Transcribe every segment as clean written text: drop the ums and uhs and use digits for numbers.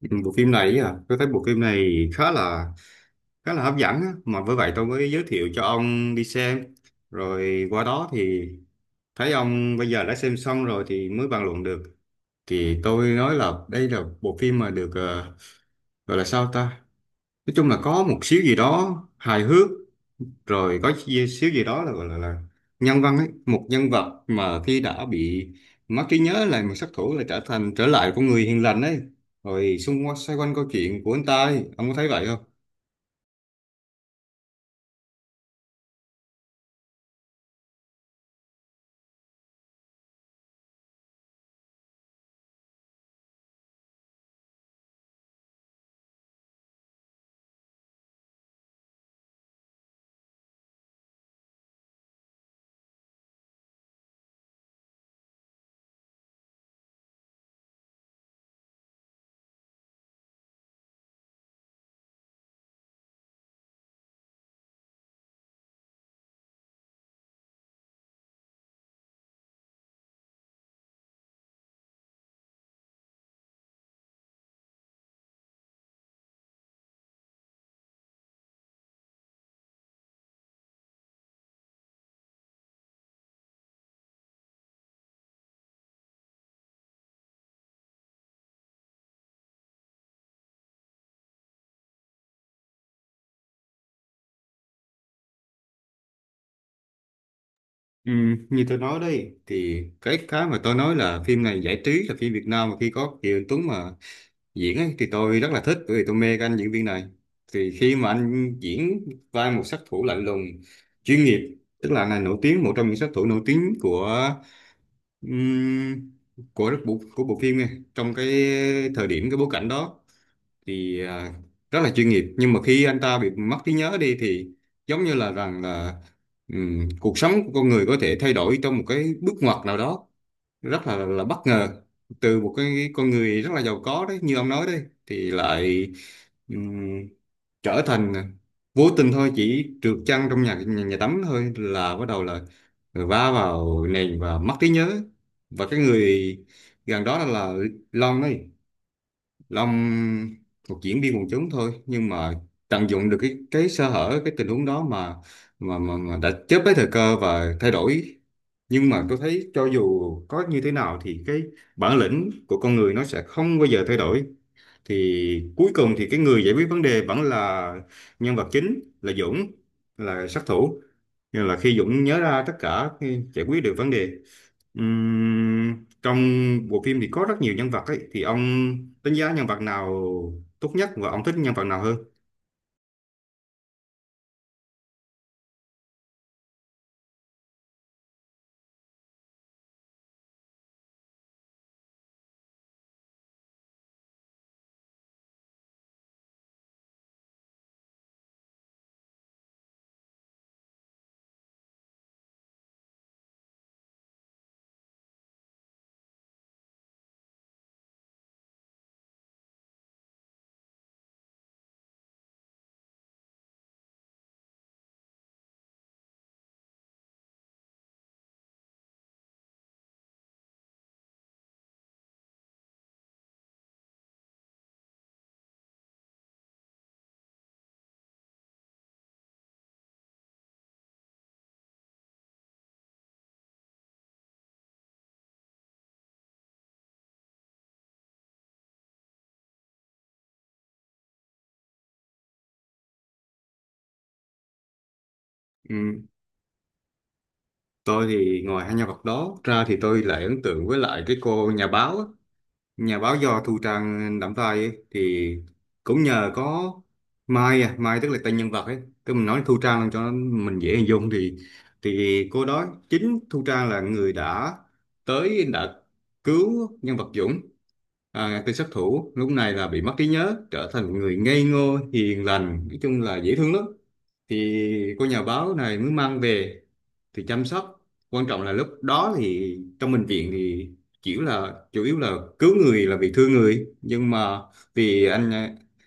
Ừ, Bộ phim này à, tôi thấy bộ phim này khá là hấp dẫn á. Mà với vậy tôi mới giới thiệu cho ông đi xem. Rồi qua đó thì thấy ông bây giờ đã xem xong rồi thì mới bàn luận được. Thì tôi nói là đây là bộ phim mà được gọi là sao ta? Nói chung là có một xíu gì đó hài hước rồi xíu gì đó là gọi là nhân văn ấy, một nhân vật mà khi đã bị mất trí nhớ là một sát thủ lại trở lại con người hiền lành ấy, rồi xung quanh xoay quanh câu chuyện của anh ta ấy. Ông có thấy vậy không? ừ, Như tôi nói đây thì cái mà tôi nói là phim này giải trí, là phim Việt Nam mà khi có Kiều Anh Tuấn mà diễn ấy thì tôi rất là thích, bởi vì tôi mê cái anh diễn viên này. Thì khi mà anh diễn vai một sát thủ lạnh lùng chuyên nghiệp, tức là anh này nổi tiếng, một trong những sát thủ nổi tiếng Ừm, của rất bộ của bộ phim này, trong cái thời điểm cái bối cảnh đó thì rất là chuyên nghiệp. Nhưng mà khi anh ta bị mất trí nhớ đi thì giống như là rằng là cuộc sống của con người có thể thay đổi trong một cái bước ngoặt nào đó rất là bất ngờ. Từ một cái con người rất là giàu có đấy, như ông nói đấy, thì lại ừm, trở thành, vô tình thôi, chỉ trượt chân trong nhà nhà, nhà tắm thôi là bắt đầu là rồi vá vào nền và mất trí nhớ. Và cái người gần đó là Long ấy, Long, một diễn viên quần chúng thôi, nhưng mà tận dụng được cái sơ hở, cái tình huống đó, mà mà đã chớp lấy thời cơ và thay đổi. Nhưng mà tôi thấy cho dù có như thế nào thì cái bản lĩnh của con người nó sẽ không bao giờ thay đổi. Thì cuối cùng thì cái người giải quyết vấn đề vẫn là nhân vật chính là Dũng, là sát thủ, nhưng là khi Dũng nhớ ra tất cả khi giải quyết được vấn đề. Trong bộ phim thì có rất nhiều nhân vật ấy, thì ông đánh giá nhân vật nào tốt nhất và ông thích nhân vật nào hơn? Ừm, tôi thì ngoài hai nhân vật đó ra thì tôi lại ấn tượng với lại cái cô nhà báo á. Nhà báo do Thu Trang đảm vai ấy, thì cũng nhờ có Mai, tức là tên nhân vật ấy, tức mình nói Thu Trang cho mình dễ hình dung, thì cô đó, chính Thu Trang là người đã tới đã cứu nhân vật Dũng, à, tên sát thủ lúc này là bị mất trí nhớ trở thành một người ngây ngô hiền lành, nói chung là dễ thương lắm. Thì cô nhà báo này mới mang về thì chăm sóc. Quan trọng là lúc đó thì trong bệnh viện thì kiểu là chủ yếu là cứu người là vì thương người, nhưng mà vì anh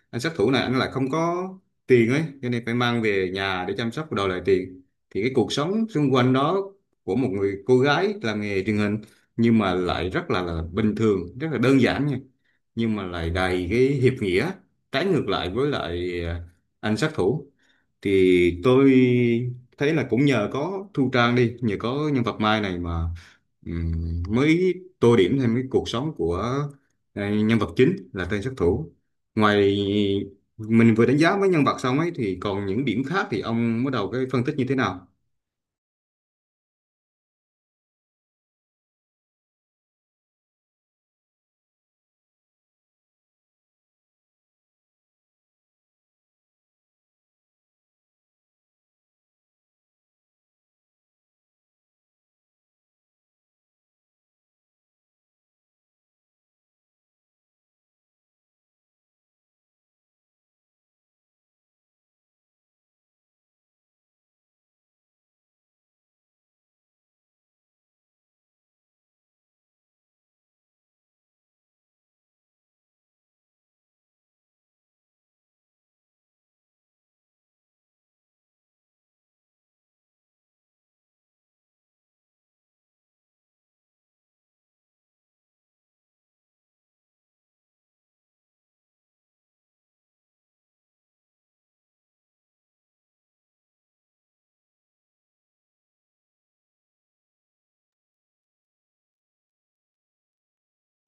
anh sát thủ này, anh lại không có tiền ấy, cho nên phải mang về nhà để chăm sóc và đòi lại tiền. Thì cái cuộc sống xung quanh đó của một người cô gái làm nghề truyền hình, nhưng mà lại rất là bình thường, rất là đơn giản nha, nhưng mà lại đầy cái hiệp nghĩa, trái ngược lại với lại anh sát thủ. Thì tôi thấy là cũng nhờ có Thu Trang đi nhờ có nhân vật Mai này mà mới tô điểm thêm cái cuộc sống của nhân vật chính là tên sát thủ. Ngoài mình vừa đánh giá với nhân vật xong ấy thì còn những điểm khác, thì ông bắt đầu cái phân tích như thế nào?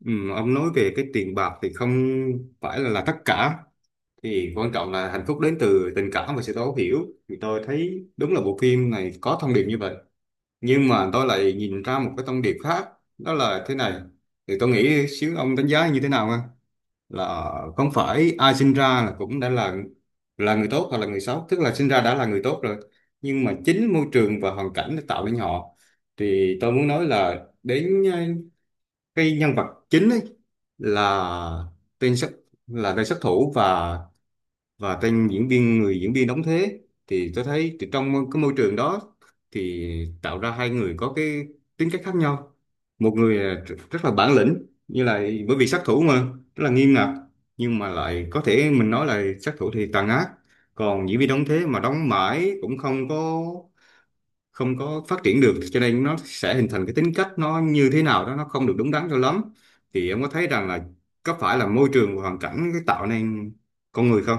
Ông nói về cái tiền bạc thì không phải là tất cả, thì quan trọng là hạnh phúc đến từ tình cảm và sự thấu hiểu. Thì tôi thấy đúng là bộ phim này có thông điệp như vậy, nhưng mà tôi lại nhìn ra một cái thông điệp khác, đó là thế này, thì tôi nghĩ xíu ông đánh giá như thế nào ha? Là không phải ai sinh ra là cũng đã là người tốt hoặc là người xấu, tức là sinh ra đã là người tốt rồi, nhưng mà chính môi trường và hoàn cảnh đã tạo nên họ. Thì tôi muốn nói là đến cái nhân vật chính ấy, là tên sát tên sát thủ và tên diễn viên người diễn viên đóng thế. Thì tôi thấy thì trong cái môi trường đó thì tạo ra hai người có cái tính cách khác nhau. Một người là rất là bản lĩnh, như là bởi vì sát thủ mà, rất là nghiêm ngặt, nhưng mà lại có thể mình nói là sát thủ thì tàn ác. Còn diễn viên đóng thế mà đóng mãi cũng không có phát triển được, cho nên nó sẽ hình thành cái tính cách nó như thế nào đó nó không được đúng đắn cho lắm. Thì em có thấy rằng là có phải là môi trường và hoàn cảnh cái tạo nên con người không?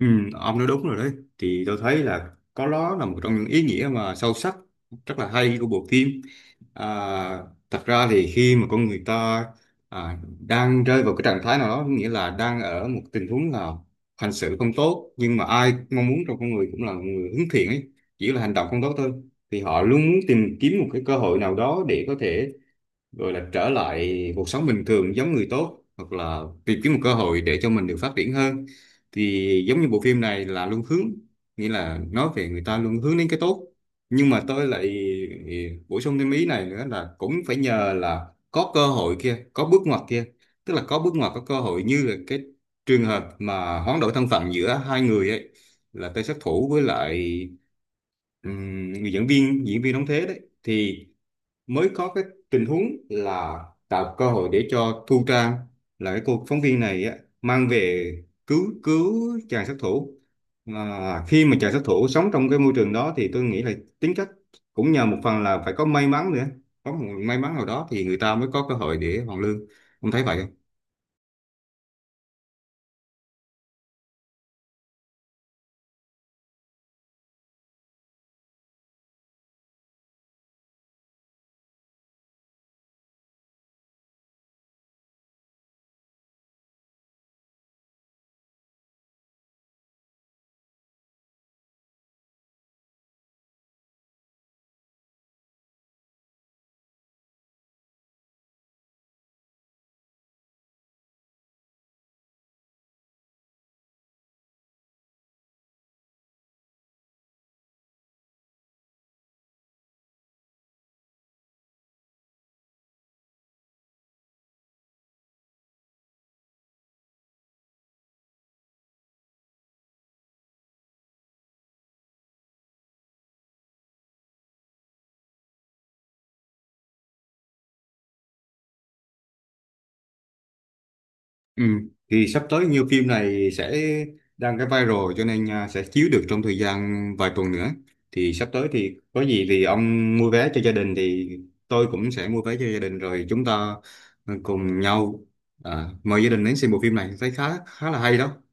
Ừ, ông nói đúng rồi đấy. Thì tôi thấy là có, đó là một trong những ý nghĩa mà sâu sắc, rất là hay của bộ phim. à, Thật ra thì khi mà con người ta đang rơi vào cái trạng thái nào đó, nghĩa là đang ở một tình huống là hành xử không tốt, nhưng mà ai mong muốn trong con người cũng là một người hướng thiện ấy, chỉ là hành động không tốt thôi. Thì họ luôn muốn tìm kiếm một cái cơ hội nào đó để có thể rồi là trở lại cuộc sống bình thường giống người tốt, hoặc là tìm kiếm một cơ hội để cho mình được phát triển hơn. Thì giống như bộ phim này là luôn hướng, nghĩa là nói về người ta luôn hướng đến cái tốt. Nhưng mà tôi lại bổ sung thêm ý này nữa, là cũng phải nhờ là có cơ hội kia, có bước ngoặt kia, tức là có bước ngoặt, có cơ hội, như là cái trường hợp mà hoán đổi thân phận giữa hai người ấy, là tay Sát Thủ với lại người diễn viên đóng thế đấy, thì mới có cái tình huống là tạo cơ hội để cho Thu Trang, là cái cô phóng viên này á, mang về cứu cứu chàng sát thủ. Mà khi mà chàng sát thủ sống trong cái môi trường đó thì tôi nghĩ là tính cách cũng nhờ một phần là phải có may mắn nữa. Có một may mắn nào đó thì người ta mới có cơ hội để hoàn lương. Ông thấy vậy không? Ừ. Thì sắp tới nhiều phim này sẽ đang cái viral, cho nên à, sẽ chiếu được trong thời gian vài tuần nữa. Thì sắp tới thì có gì thì ông mua vé cho gia đình thì tôi cũng sẽ mua vé cho gia đình, rồi chúng ta cùng nhau mời gia đình đến xem bộ phim này, thấy khá khá là hay đó.